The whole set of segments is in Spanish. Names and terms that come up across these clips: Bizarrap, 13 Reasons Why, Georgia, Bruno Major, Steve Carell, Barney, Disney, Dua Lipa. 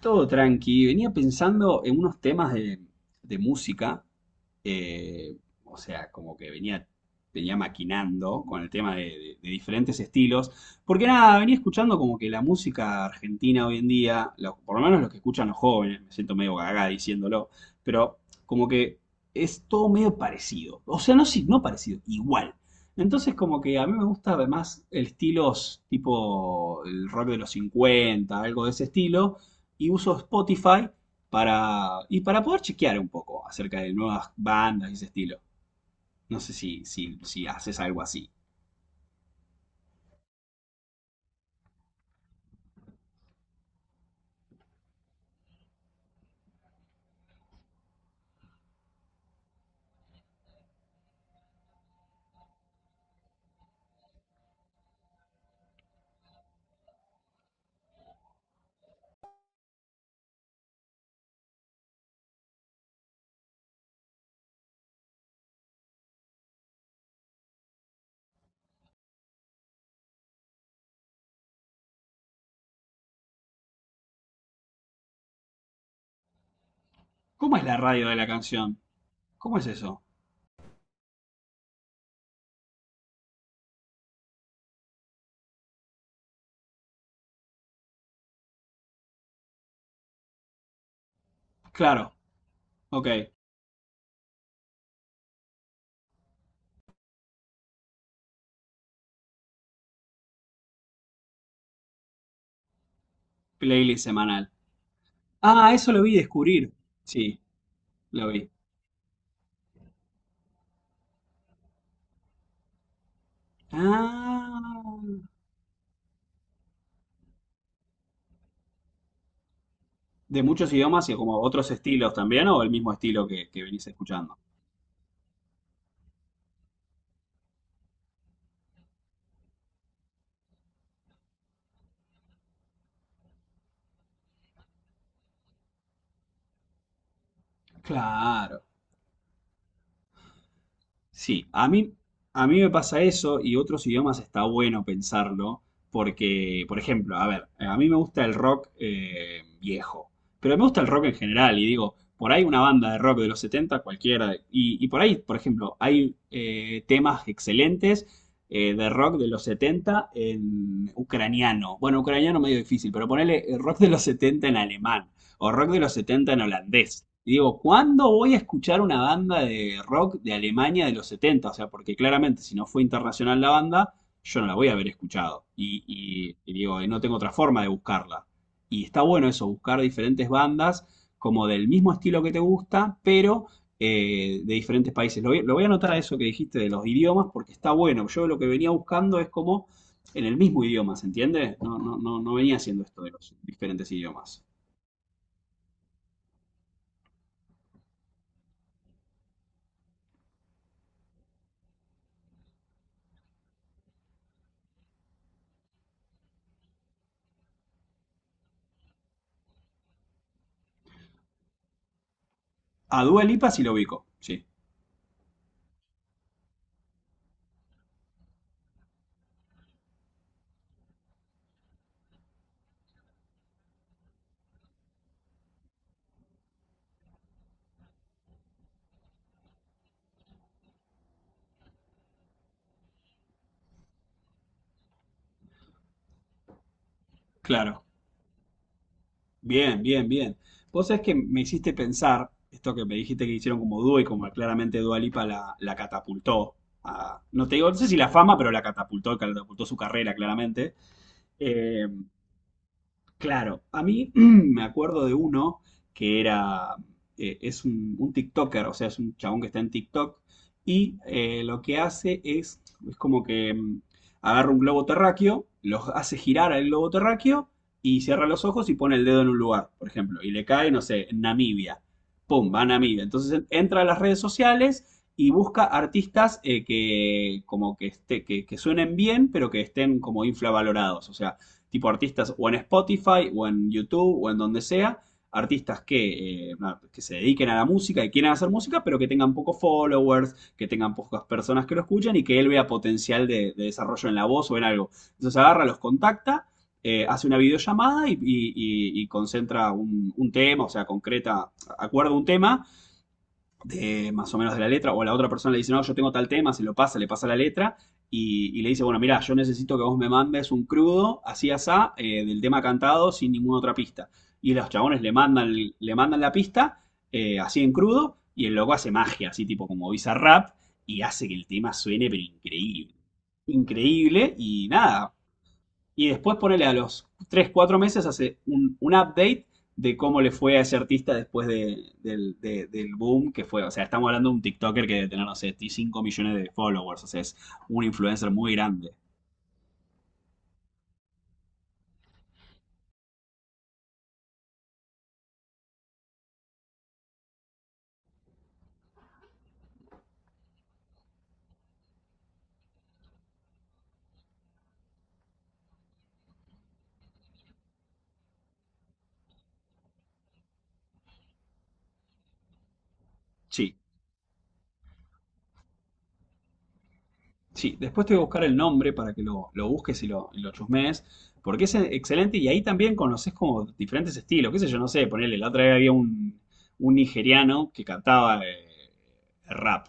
Todo tranqui. Venía pensando en unos temas de música. eh, o sea, como que venía maquinando con el tema de diferentes estilos. Porque nada, venía escuchando como que la música argentina hoy en día, por lo menos los que escuchan los jóvenes, me siento medio gaga diciéndolo, pero como que es todo medio parecido. O sea, no, sí, no parecido, igual. Entonces como que a mí me gusta más el estilos tipo el rock de los 50 algo de ese estilo y uso Spotify para poder chequear un poco acerca de nuevas bandas y ese estilo. No sé si haces algo así. ¿Cómo es la radio de la canción? ¿Cómo es eso? Claro, ok, playlist semanal. Ah, eso lo vi descubrir. Sí, lo vi. Ah, de muchos idiomas y como otros estilos también, o el mismo estilo que venís escuchando. Claro. Sí, a mí me pasa eso y otros idiomas está bueno pensarlo porque, por ejemplo, a ver, a mí me gusta el rock viejo, pero me gusta el rock en general y digo, por ahí una banda de rock de los 70 cualquiera, y por ahí, por ejemplo, hay temas excelentes de rock de los 70 en ucraniano. Bueno, ucraniano medio difícil, pero ponele rock de los 70 en alemán o rock de los 70 en holandés. Y digo, ¿cuándo voy a escuchar una banda de rock de Alemania de los 70? O sea, porque claramente si no fue internacional la banda, yo no la voy a haber escuchado. Y digo, y no tengo otra forma de buscarla. Y está bueno eso, buscar diferentes bandas como del mismo estilo que te gusta, pero de diferentes países. Lo voy a anotar a eso que dijiste de los idiomas, porque está bueno. Yo lo que venía buscando es como en el mismo idioma, ¿se entiende? No, no, no, no venía haciendo esto de los diferentes idiomas. A Dua Lipa sí lo ubico, sí, claro. Bien, bien, bien. Vos sabés que me hiciste pensar, esto que me dijiste que hicieron como dúo y como claramente Dua Lipa la catapultó, no te digo, no sé si la fama, pero la catapultó, catapultó su carrera claramente. Eh, Claro, a mí me acuerdo de uno que era, es un TikToker, o sea, es un chabón que está en TikTok y lo que hace es como que agarra un globo terráqueo, los hace girar al globo terráqueo y cierra los ojos y pone el dedo en un lugar, por ejemplo, y le cae, no sé, en Namibia. Pum, va a Namibia. Entonces entra a las redes sociales y busca artistas que como que, esté, que suenen bien, pero que estén como infravalorados, o sea tipo artistas o en Spotify o en YouTube o en donde sea, artistas que se dediquen a la música y quieran hacer música, pero que tengan pocos followers, que tengan pocas personas que lo escuchan y que él vea potencial de desarrollo en la voz o en algo. Entonces agarra, los contacta, hace una videollamada y concentra un tema, o sea, concreta, acuerda un tema de más o menos de la letra, o la otra persona le dice, no, yo tengo tal tema, se lo pasa, le pasa la letra, y le dice, bueno, mira, yo necesito que vos me mandes un crudo, así asá, del tema cantado, sin ninguna otra pista. Y los chabones le mandan la pista, así en crudo, y el loco hace magia, así tipo como Bizarrap, y hace que el tema suene, pero increíble. Increíble, y nada, y después ponele a los 3 4 meses, hace un update de cómo le fue a ese artista después del boom que fue. O sea, estamos hablando de un TikToker que debe tener, no sé, 5 millones de followers. O sea, es un influencer muy grande. Sí, sí. Después te voy a buscar el nombre para que lo busques y y lo chusmees. Porque es excelente y ahí también conoces como diferentes estilos. Qué sé yo, no sé, ponele, la otra vez había un nigeriano que cantaba rap.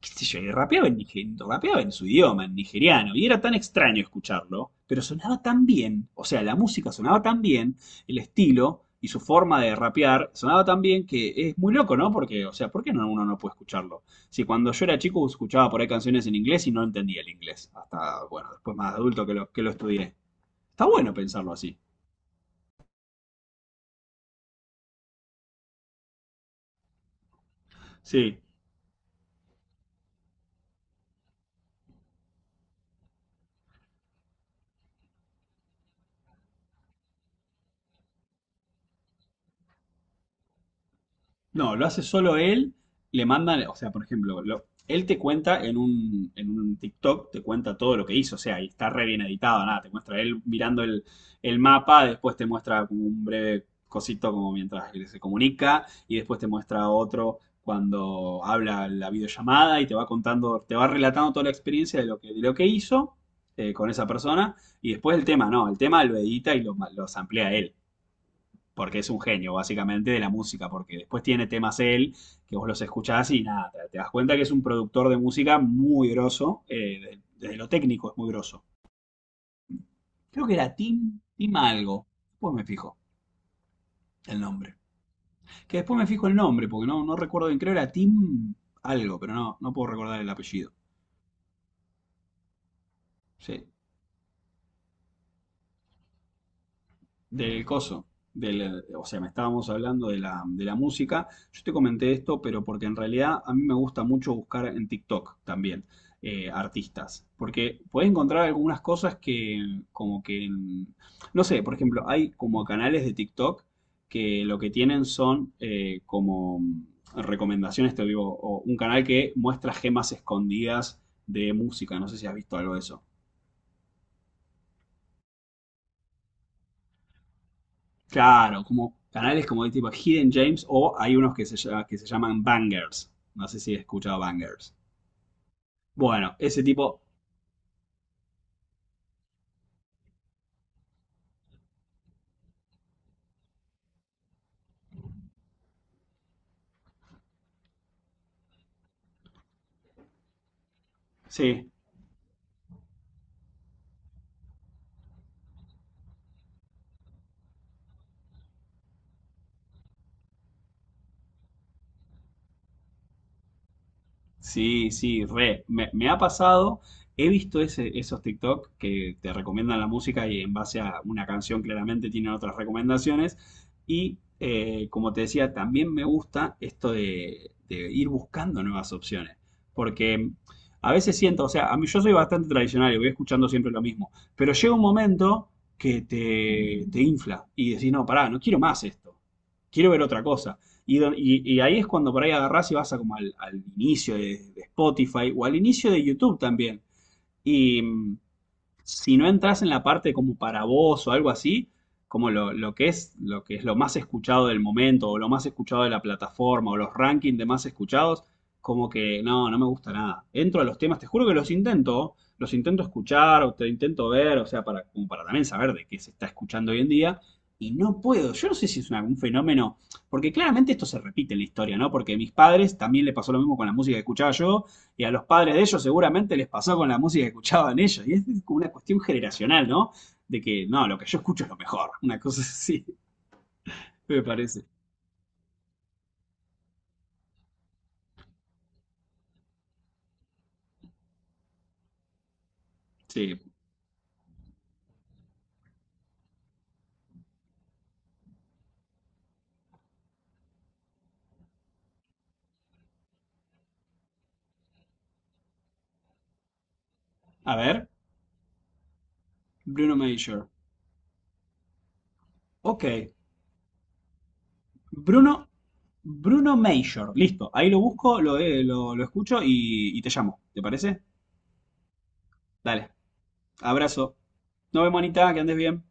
Qué sé yo, y rapeaba en su idioma, en nigeriano, y era tan extraño escucharlo, pero sonaba tan bien, o sea, la música sonaba tan bien, el estilo y su forma de rapear sonaba tan bien que es muy loco, ¿no? Porque, o sea, ¿por qué no, uno no puede escucharlo? Si cuando yo era chico escuchaba por ahí canciones en inglés y no entendía el inglés, hasta, bueno, después más adulto que lo estudié. Está bueno pensarlo así. Sí. No, lo hace solo él, le mandan, o sea, por ejemplo, él te cuenta en un TikTok, te cuenta todo lo que hizo, o sea, y está re bien editado, nada, te muestra él mirando el mapa, después te muestra como un breve cosito como mientras él se comunica, y después te muestra otro cuando habla la videollamada y te va contando, te va relatando toda la experiencia de lo que hizo con esa persona, y después el tema, no, el tema lo edita y lo samplea él porque es un genio básicamente de la música, porque después tiene temas él que vos los escuchás y nada, te das cuenta que es un productor de música muy groso, desde lo técnico es muy grosso. Creo que era Tim, Tim algo, después me fijo el nombre. Que después me fijo el nombre, porque no, no recuerdo bien, creo era Tim algo, pero no, no puedo recordar el apellido. Sí, del coso. O sea, me estábamos hablando de la música. Yo te comenté esto, pero porque en realidad a mí me gusta mucho buscar en TikTok también artistas. Porque puedes encontrar algunas cosas que como que. No sé, por ejemplo, hay como canales de TikTok que lo que tienen son como recomendaciones, te digo, o un canal que muestra gemas escondidas de música. No sé si has visto algo de eso. Claro, como canales como de tipo Hidden James o hay unos que se llaman Bangers. No sé si he escuchado Bangers. Bueno, ese tipo, sí, Sí, sí, re. Me ha pasado, he visto esos TikTok que te recomiendan la música y en base a una canción claramente tienen otras recomendaciones. Y como te decía, también me gusta esto de ir buscando nuevas opciones. Porque a veces siento, o sea, a mí yo soy bastante tradicional y voy escuchando siempre lo mismo. Pero llega un momento que te infla y decís, no, pará, no quiero más esto. Quiero ver otra cosa. Y ahí es cuando por ahí agarrás y vas a como al inicio de Spotify o al inicio de YouTube también. Y si no entras en la parte como para vos o algo así, como lo que es lo más escuchado del momento, o lo más escuchado de la plataforma, o los rankings de más escuchados, como que no, no me gusta nada. Entro a los temas, te juro que los intento escuchar, o te intento ver, o sea, como para también saber de qué se está escuchando hoy en día. Y no puedo, yo no sé si es un fenómeno, porque claramente esto se repite en la historia, ¿no? Porque a mis padres también le pasó lo mismo con la música que escuchaba yo, y a los padres de ellos seguramente les pasó con la música que escuchaban ellos. Y es como una cuestión generacional, ¿no? De que, no, lo que yo escucho es lo mejor. Una cosa así, me parece. Sí. A ver, Bruno Major. Ok. Bruno, Bruno Major. Listo. Ahí lo busco, lo escucho y te llamo. ¿Te parece? Dale. Abrazo. Nos vemos, Anita, que andes bien.